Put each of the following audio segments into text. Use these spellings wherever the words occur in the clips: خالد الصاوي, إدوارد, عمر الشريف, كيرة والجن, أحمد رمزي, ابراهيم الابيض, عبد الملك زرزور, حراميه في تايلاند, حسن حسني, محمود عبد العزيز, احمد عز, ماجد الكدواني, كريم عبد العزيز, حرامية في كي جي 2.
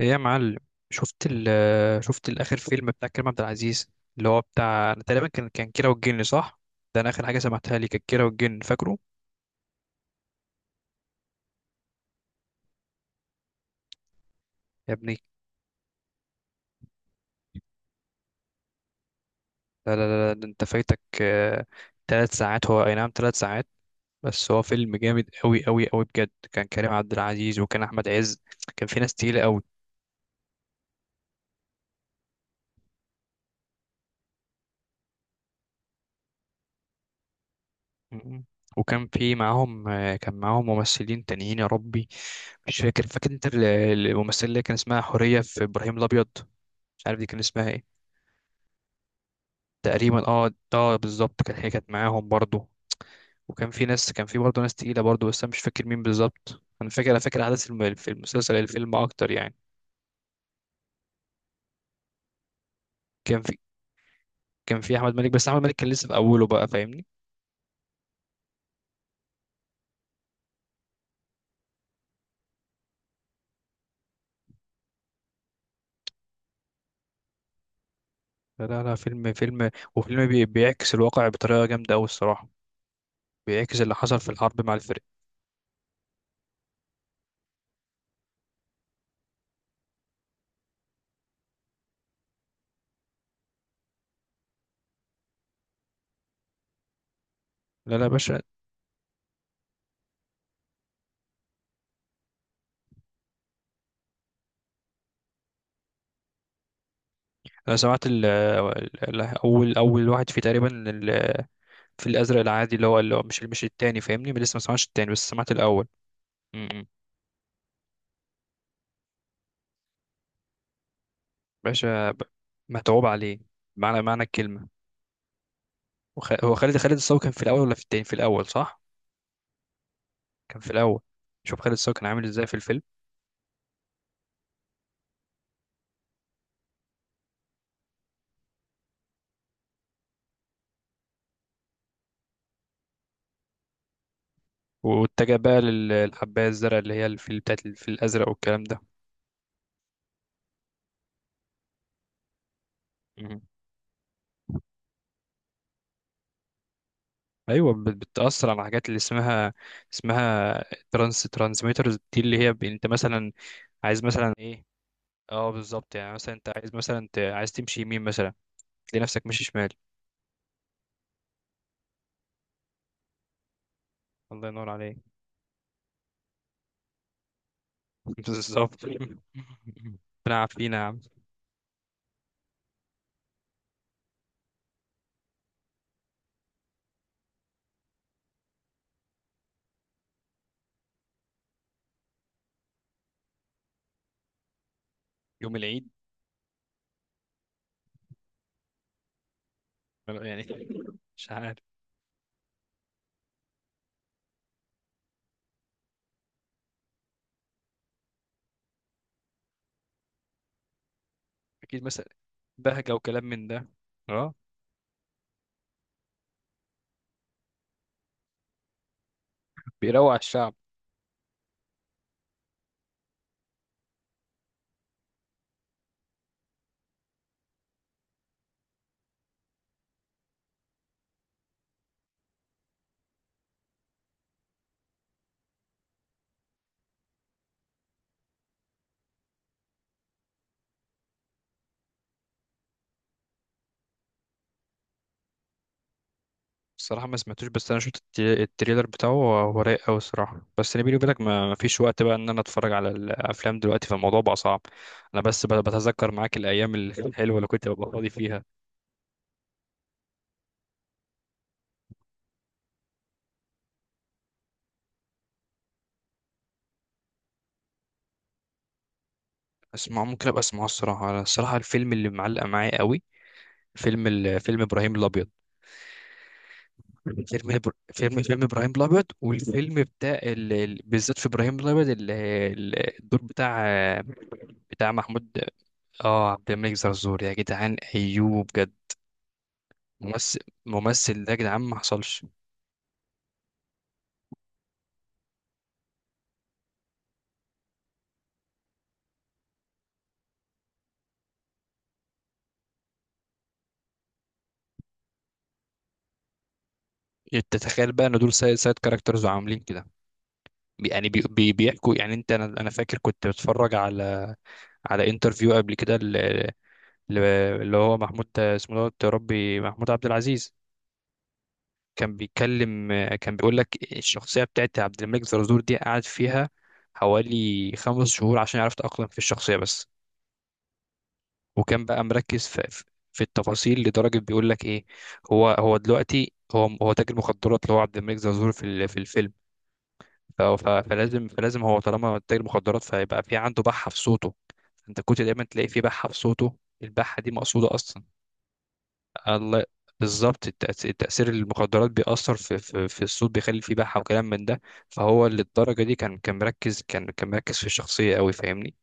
ايه يا معلم، شفت شفت الاخر فيلم بتاع كريم عبد العزيز اللي هو بتاع، انا تقريبا كان كيرة والجن صح؟ ده انا اخر حاجه سمعتها لي كانت كيرة والجن فاكره. يا ابني لا لا لا لا، ده انت فايتك. ثلاث ساعات، هو اي نعم ثلاث ساعات. بس هو فيلم جامد قوي قوي قوي بجد. كان كريم عبد العزيز وكان احمد عز، كان في ناس تقيله قوي. وكان في معاهم، كان معاهم ممثلين تانيين. يا ربي مش فاكر انت الممثله اللي كان اسمها حوريه في ابراهيم الابيض، مش عارف دي كان اسمها ايه. تقريبا اه اه بالظبط، كان هي كانت معاهم برضو. وكان في ناس، كان في برضو ناس تقيلة برضو، بس انا مش فاكر مين بالظبط. انا فاكر، انا فاكر احداث في المسلسل الفيلم اكتر يعني. كان في، كان في احمد مالك، بس احمد مالك كان لسه في اوله بقى، فاهمني. لا لا لا، فيلم فيلم وفيلم بيعكس الواقع بطريقة جامدة قوي الصراحة، بيعكس اللي حصل في الحرب مع الفرق. لا لا يا باشا، انا سمعت اول واحد فيه تقريبا في الازرق العادي اللي هو، اللي هو مش التاني فاهمني. لسه ما سمعتش التاني بس سمعت الاول. باشا متعوب عليه معنى الكلمة. هو خالد الصاوي كان في الأول ولا في التاني؟ في الأول صح؟ كان في الأول. شوف خالد الصاوي كان عامل ازاي في الفيلم. واتجه بقى للحباية الزرقاء اللي هي الفيل، بتاعت الفيل الأزرق والكلام ده. مم. أيوة بتأثر على حاجات اللي اسمها، اسمها ترانسميترز دي اللي هي انت مثلا عايز مثلا ايه؟ اه بالظبط. يعني مثلا انت عايز مثلا عايز تمشي يمين مثلا، تلاقي نفسك ماشي شمال. الله ينور عليك. بالظبط. ربنا يعافينا يا عم. يوم العيد يعني. مش عارف. اكيد مثلا بهجة وكلام من ده. اه، بيروق على الشعب. الصراحة ما سمعتوش، بس انا شفت التريلر بتاعه، هو هو رايق قوي الصراحة. بس انا بيني وبينك ما فيش وقت بقى ان انا اتفرج على الافلام دلوقتي، فالموضوع بقى صعب. انا بس بتذكر معاك الايام الحلوة اللي كنت ببقى فاضي فيها. اسمع، ممكن ابقى اسمعه الصراحة. انا الصراحة الفيلم اللي معلق معايا قوي فيلم فيلم ابراهيم الابيض. فيلم إبر- فيلم فيلم ابراهيم الابيض، والفيلم بتاع بالذات في ابراهيم الابيض الدور بتاع محمود. اه عبد الملك زرزور يا جدعان، ايوه بجد. ممثل، ده يا جدعان ما حصلش. انت تخيل بقى ان دول سايد كاركترز وعاملين كده. يعني بي بيحكوا يعني انت، انا فاكر كنت بتفرج على، على انترفيو قبل كده ل- اللي هو محمود اسمه دوت يا ربي، محمود عبد العزيز. كان بيتكلم، كان بيقول لك الشخصيه بتاعت عبد الملك زرزور دي قعد فيها حوالي خمس شهور عشان يعرف يتأقلم في الشخصيه بس. وكان بقى مركز في في التفاصيل لدرجه بيقول لك ايه، هو دلوقتي هو تاجر مخدرات، اللي هو عبد الملك زرزور في في الفيلم. فلازم هو طالما تاجر مخدرات فيبقى في عنده بحه في صوته. انت كنت دايما تلاقي في بحه في صوته، البحه دي مقصوده اصلا. الله بالظبط. التأثير المخدرات بيأثر في في الصوت، بيخلي فيه بحة وكلام من ده. فهو للدرجة دي كان مركز، كان مركز في الشخصية قوي فاهمني.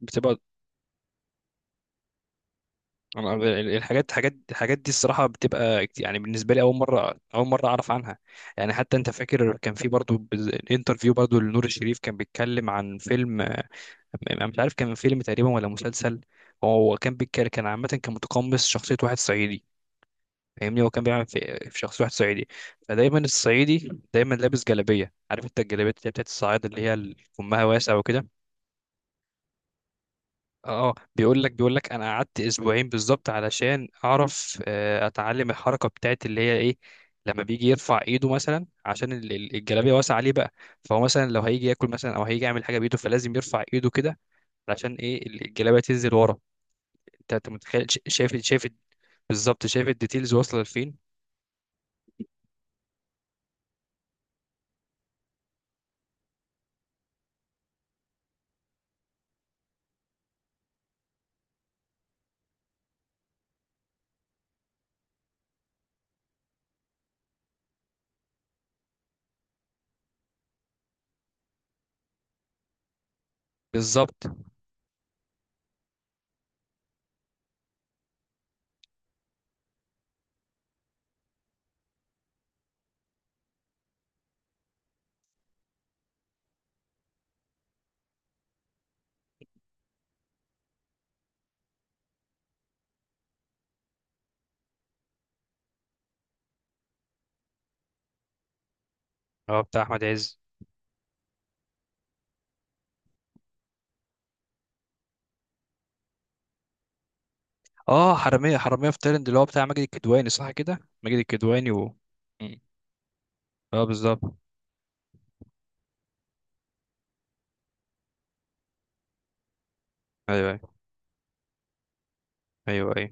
بتبقى. الحاجات دي الصراحه بتبقى يعني بالنسبه لي، اول مره اول مره اعرف عنها. يعني حتى انت فاكر كان في برضو انترفيو برضو لنور الشريف، كان بيتكلم عن فيلم. انا مش عارف كان فيلم تقريبا ولا مسلسل. هو كان بيتكلم، كان عامه كان متقمص شخصيه واحد صعيدي فاهمني. هو كان بيعمل في, شخصيه واحد صعيدي. فدايما الصعيدي دايما لابس جلابيه. عارف انت الجلابيه اللي هي بتاعت الصعايده، اللي هي كمها واسع وكده. اه، بيقول لك بيقول لك انا قعدت اسبوعين بالظبط علشان اعرف، اتعلم الحركه بتاعت اللي هي ايه؟ لما بيجي يرفع ايده مثلا عشان الجلابيه واسعه عليه بقى. فهو مثلا لو هيجي ياكل مثلا او هيجي يعمل حاجه بايده فلازم يرفع ايده كده علشان ايه الجلابيه تنزل ورا. انت متخيل؟ شايف. بالظبط، شايف الديتيلز واصله لفين. بالظبط. اه بتاع احمد عز. اه حراميه في تايلاند اللي هو بتاع ماجد الكدواني صح كده، ماجد الكدواني و م. اه بالظبط. ايوه ايوه، ايوه أيوه.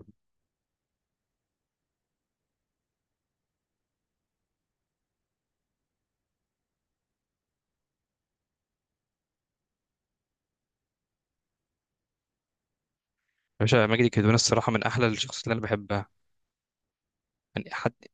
باشا ماجد الكدواني الصراحة من أحلى الشخصيات اللي أنا بحبها. يعني حتى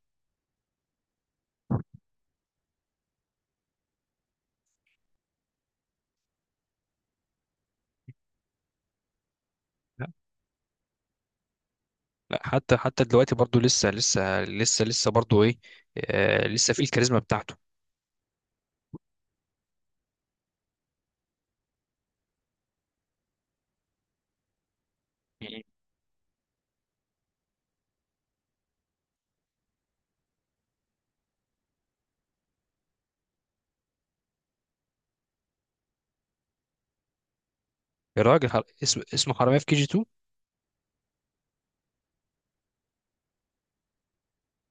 لا، حتى دلوقتي برضو لسه برضو إيه، آه لسه فيه الكاريزما بتاعته. مم. يا راجل اسمه حرامية في كي جي 2.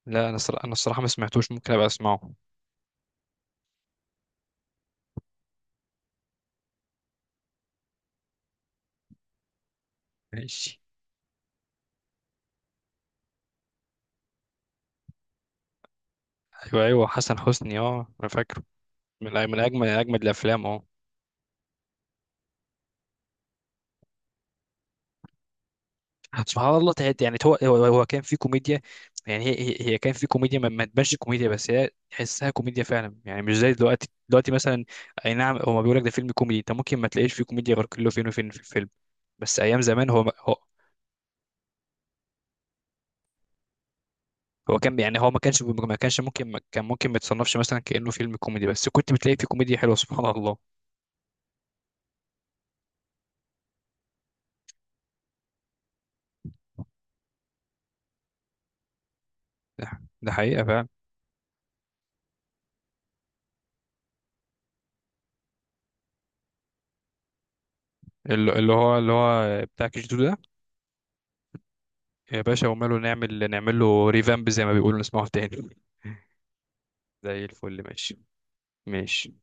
لا أنا صر... أنا الصراحة ما سمعتوش، ممكن أبقى أسمعه. ماشي. أيوه أيوه، حسن حسني أه أنا فاكره. من من أجمد الأفلام أه. سبحان الله تحت، يعني هو كان في كوميديا. يعني هي كان في كوميديا، ما تبانش كوميديا بس هي تحسها كوميديا فعلا، يعني مش زي دلوقتي، دلوقتي مثلا اي نعم هو بيقول لك ده فيلم كوميدي، انت ممكن ما تلاقيش فيه كوميديا غير كله فين وفين في الفيلم. بس ايام زمان، هو هو كان، يعني هو ما كان ممكن ما يتصنفش مثلا كأنه فيلم كوميدي، بس كنت بتلاقي فيه كوميديا حلوه سبحان الله. ده, ده حقيقه فعلا. اللي هو بتاع كيش دو ده. يا باشا وماله، نعمل له ريفامب زي ما بيقولوا، نسمعه تاني. زي الفل ماشي. ماشي.